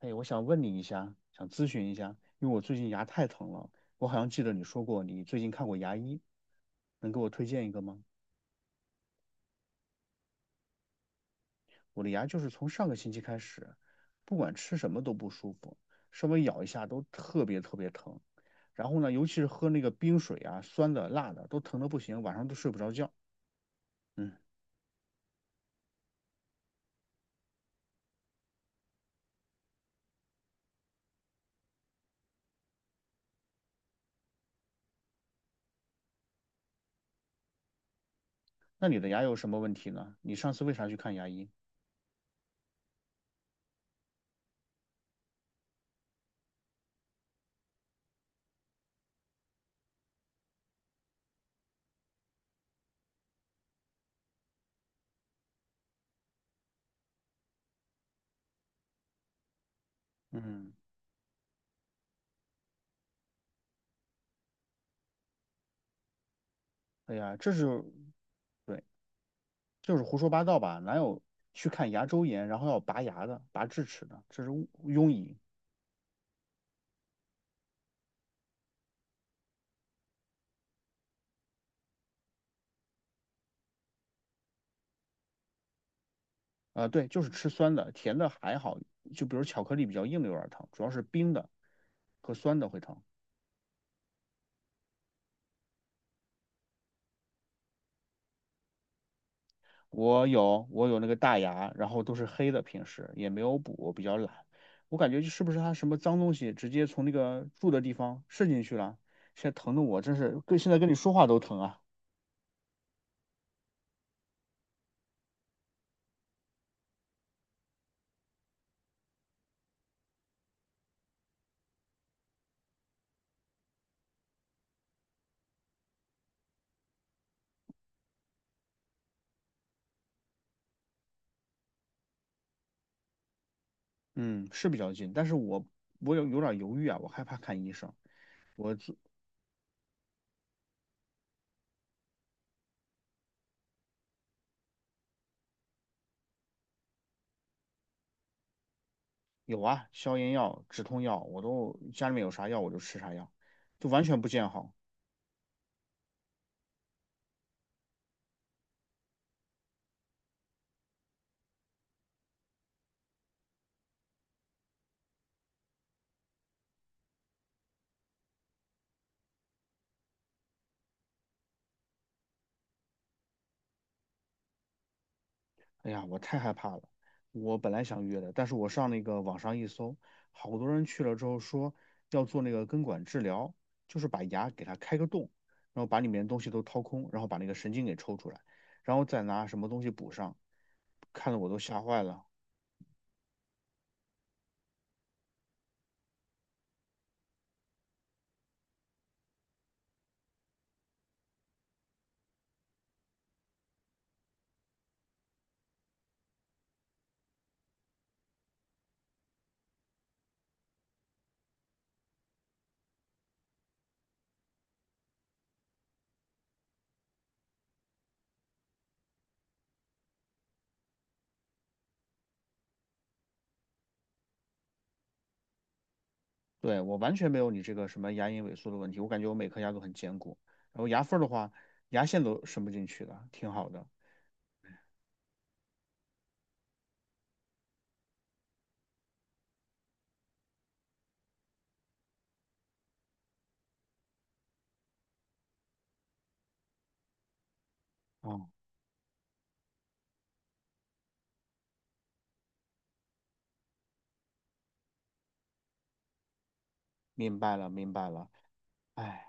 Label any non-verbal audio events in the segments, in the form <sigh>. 哎，我想问你一下，想咨询一下，因为我最近牙太疼了。我好像记得你说过你最近看过牙医，能给我推荐一个吗？我的牙就是从上个星期开始，不管吃什么都不舒服，稍微咬一下都特别特别疼。然后呢，尤其是喝那个冰水啊，酸的、辣的，都疼的不行，晚上都睡不着觉。嗯，那你的牙有什么问题呢？你上次为啥去看牙医？嗯，哎呀，这是，对，就是胡说八道吧？哪有去看牙周炎，然后要拔牙的、拔智齿的？这是误庸医。啊、对，就是吃酸的，甜的还好，就比如巧克力比较硬的有点疼，主要是冰的和酸的会疼。我有那个大牙，然后都是黑的，平时也没有补，我比较懒。我感觉就是不是它什么脏东西直接从那个住的地方渗进去了？现在疼的我真是跟现在跟你说话都疼啊。嗯，是比较近，但是我有点犹豫啊，我害怕看医生。我有啊，消炎药、止痛药，我都家里面有啥药我就吃啥药，就完全不见好。哎呀，我太害怕了。我本来想约的，但是我上那个网上一搜，好多人去了之后说要做那个根管治疗，就是把牙给它开个洞，然后把里面的东西都掏空，然后把那个神经给抽出来，然后再拿什么东西补上，看得我都吓坏了。对，我完全没有你这个什么牙龈萎缩的问题，我感觉我每颗牙都很坚固，然后牙缝儿的话，牙线都伸不进去的，挺好的。哦，明白了，明白了。哎，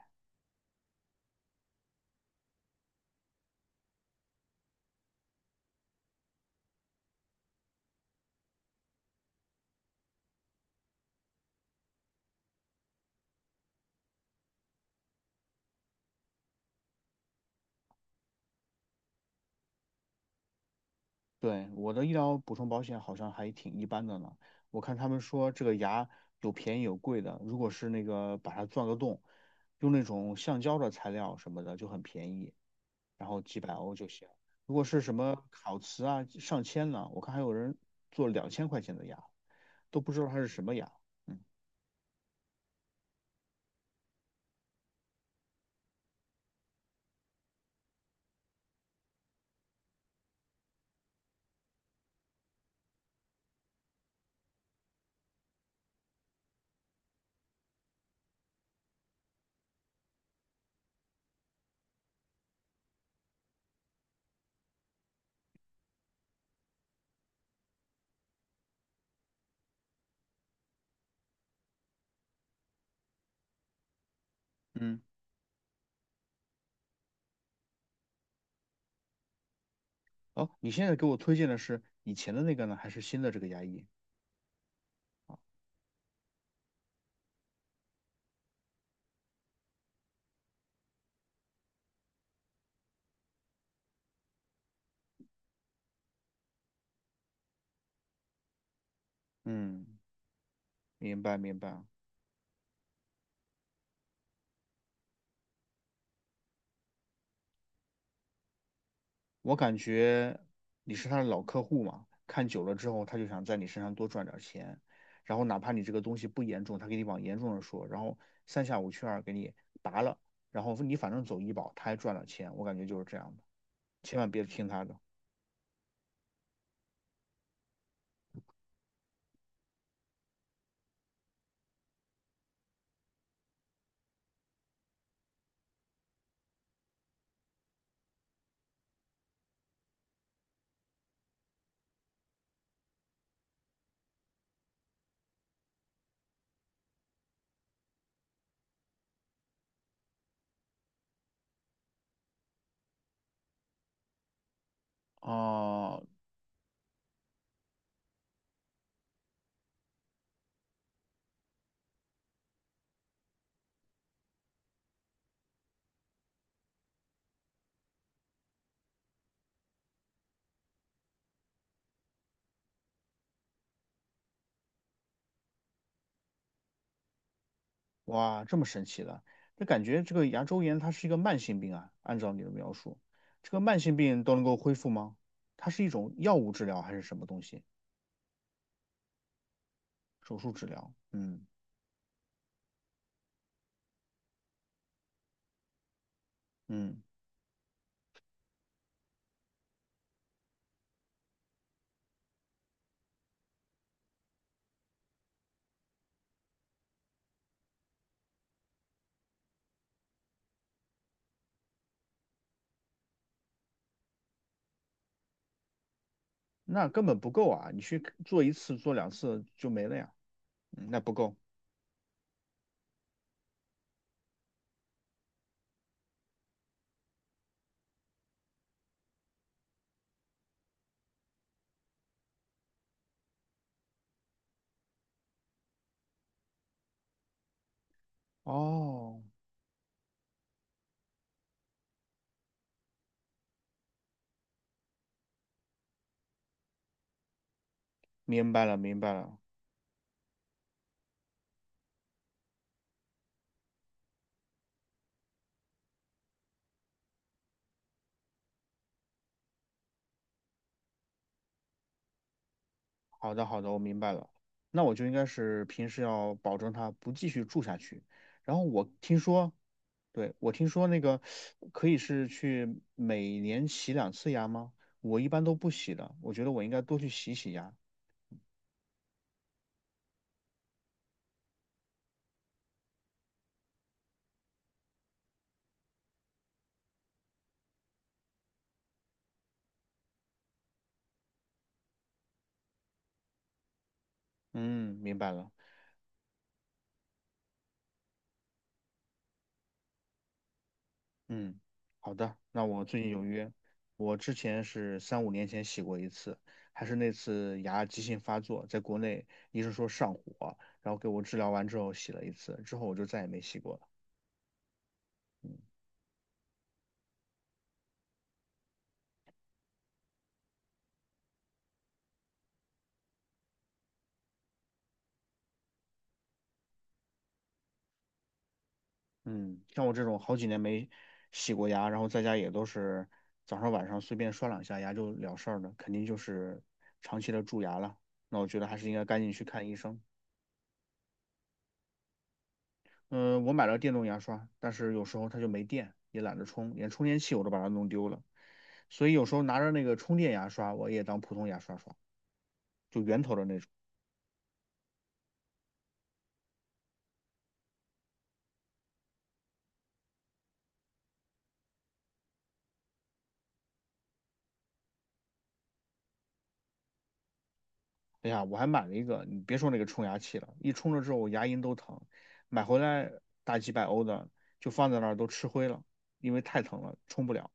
对，我的医疗补充保险好像还挺一般的呢。我看他们说这个牙有便宜有贵的，如果是那个把它钻个洞，用那种橡胶的材料什么的就很便宜，然后几百欧就行。如果是什么烤瓷啊，上千呢，我看还有人做2000块钱的牙，都不知道它是什么牙。嗯嗯，哦，你现在给我推荐的是以前的那个呢，还是新的这个牙医？嗯，明白明白。我感觉你是他的老客户嘛，看久了之后，他就想在你身上多赚点钱，然后哪怕你这个东西不严重，他给你往严重了说，然后三下五去二给你拔了，然后你反正走医保，他还赚了钱，我感觉就是这样的，千万别听他的。啊！哇，这么神奇的，那感觉这个牙周炎它是一个慢性病啊，按照你的描述，这个慢性病都能够恢复吗？它是一种药物治疗还是什么东西？手术治疗？嗯嗯。那根本不够啊！你去做一次、做两次就没了呀，嗯那不够。哦，明白了，明白了。好的，好的，我明白了。那我就应该是平时要保证它不继续住下去。然后我听说，对，我听说那个可以是去每年洗两次牙吗？我一般都不洗的，我觉得我应该多去洗洗牙。嗯，明白了。嗯，好的，那我最近有约，我之前是三五年前洗过一次，还是那次牙急性发作，在国内医生说上火，然后给我治疗完之后洗了一次，之后我就再也没洗过了。嗯嗯，像我这种好几年没洗过牙，然后在家也都是早上晚上随便刷两下牙就了事儿的，肯定就是长期的蛀牙了。那我觉得还是应该赶紧去看医生。嗯、我买了电动牙刷，但是有时候它就没电，也懒得充，连充电器我都把它弄丢了。所以有时候拿着那个充电牙刷，我也当普通牙刷刷，就圆头的那种。哎呀，我还买了一个，你别说那个冲牙器了，一冲了之后我牙龈都疼，买回来大几百欧的，就放在那儿都吃灰了，因为太疼了，冲不了。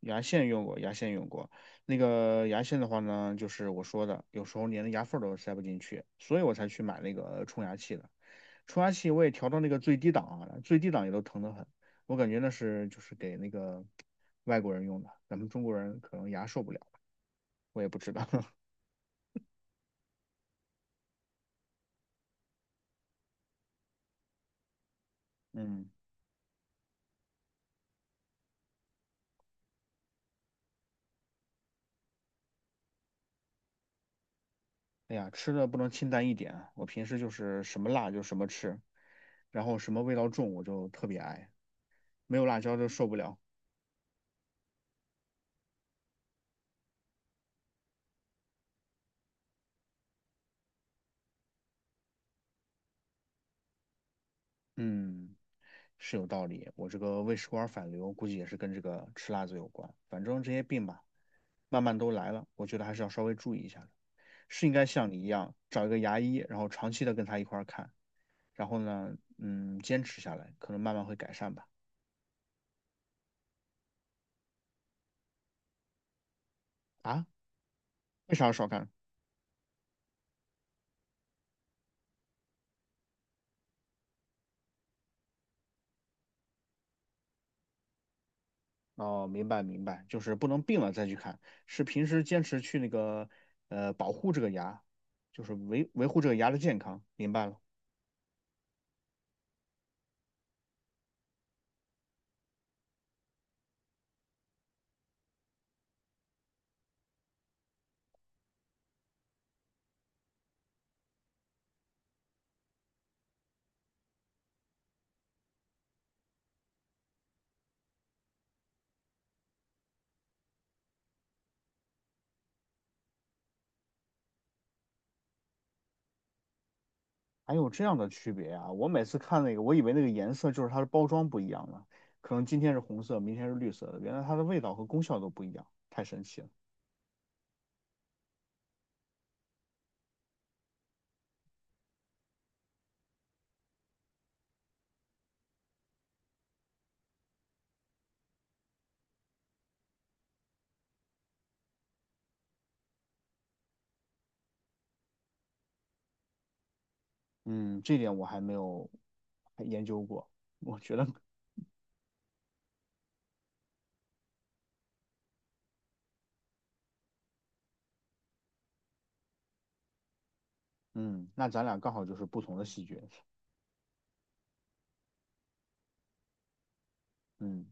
牙线用过，牙线用过。那个牙线的话呢，就是我说的，有时候连牙缝儿都塞不进去，所以我才去买那个冲牙器的。冲牙器我也调到那个最低档啊，最低档也都疼得很。我感觉那是就是给那个 <tsk> 外国人用的，咱们中国人可能牙受不了，我也不知道。<laughs> 嗯，哎呀，吃的不能清淡一点啊我平时就是什么辣就什么吃，然后什么味道重我就特别爱，没有辣椒就受不了。嗯。是有道理。我这个胃食管反流估计也是跟这个吃辣子有关。反正这些病吧，慢慢都来了，我觉得还是要稍微注意一下的。是应该像你一样找一个牙医，然后长期的跟他一块儿看，然后呢，嗯，坚持下来，可能慢慢会改善吧。啊？为啥要少看？哦，明白明白，就是不能病了再去看，是平时坚持去那个保护这个牙，就是维护这个牙的健康。明白了。还有这样的区别啊！我每次看那个，我以为那个颜色就是它的包装不一样了，可能今天是红色，明天是绿色的，原来它的味道和功效都不一样，太神奇了。嗯，这点我还没有还研究过。我觉得，嗯，那咱俩刚好就是不同的细菌。嗯，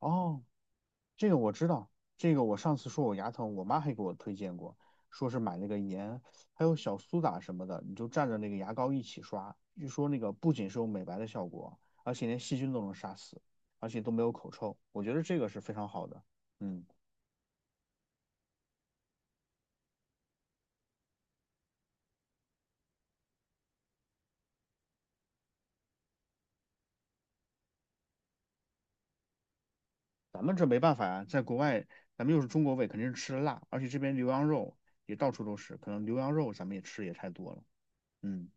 哦，这个我知道，这个我上次说我牙疼，我妈还给我推荐过，说是买那个盐，还有小苏打什么的，你就蘸着那个牙膏一起刷，据说那个不仅是有美白的效果，而且连细菌都能杀死，而且都没有口臭，我觉得这个是非常好的。嗯，咱们这没办法呀，在国外，咱们又是中国胃，肯定是吃的辣，而且这边牛羊肉也到处都是，可能牛羊肉咱们也吃的也太多了。嗯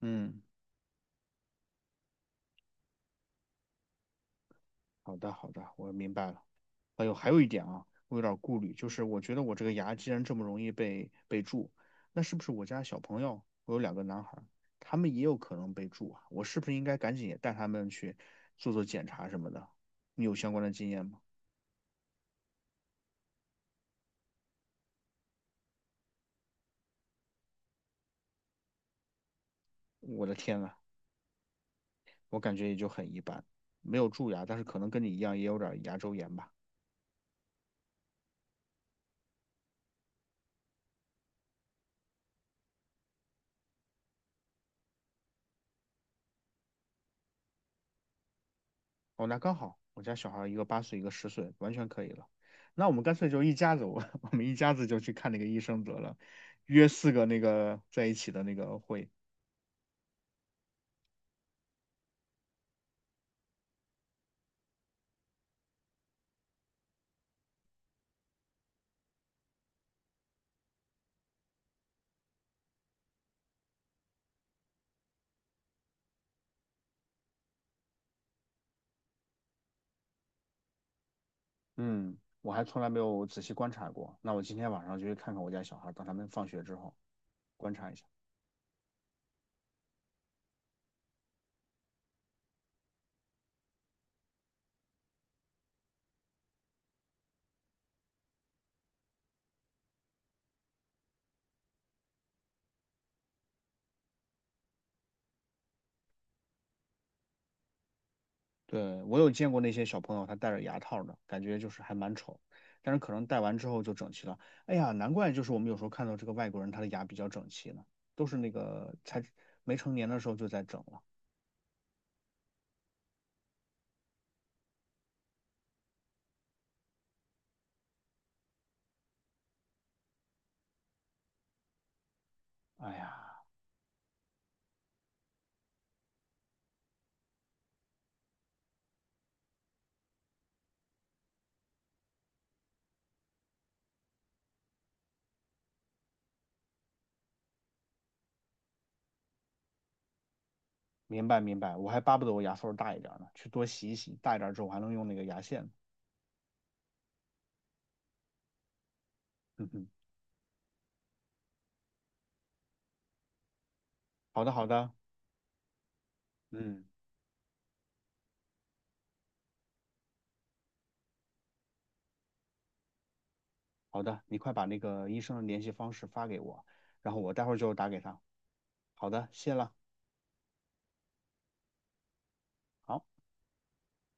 嗯，好的好的，我明白了。还有还有一点啊，我有点顾虑，就是我觉得我这个牙既然这么容易被蛀，那是不是我家小朋友，我有两个男孩儿，他们也有可能被蛀啊？我是不是应该赶紧也带他们去做做检查什么的？你有相关的经验吗？我的天呐，我感觉也就很一般，没有蛀牙，但是可能跟你一样也有点牙周炎吧。哦，那刚好，我家小孩一个8岁，一个10岁，完全可以了。那我们干脆就一家子，我 <laughs> 我们一家子就去看那个医生得了，约四个那个在一起的那个会，嗯，我还从来没有仔细观察过。那我今天晚上就去看看我家小孩等他们放学之后观察一下。对，我有见过那些小朋友，他戴着牙套的，感觉就是还蛮丑，但是可能戴完之后就整齐了。哎呀，难怪就是我们有时候看到这个外国人他的牙比较整齐呢，都是那个才没成年的时候就在整了。哎呀，明白明白，我还巴不得我牙缝儿大一点儿呢，去多洗一洗，大一点儿之后我还能用那个牙线呢。<laughs> 嗯哼，好的好的，嗯。好的，你快把那个医生的联系方式发给我，然后我待会儿就打给他。好的，谢了。好。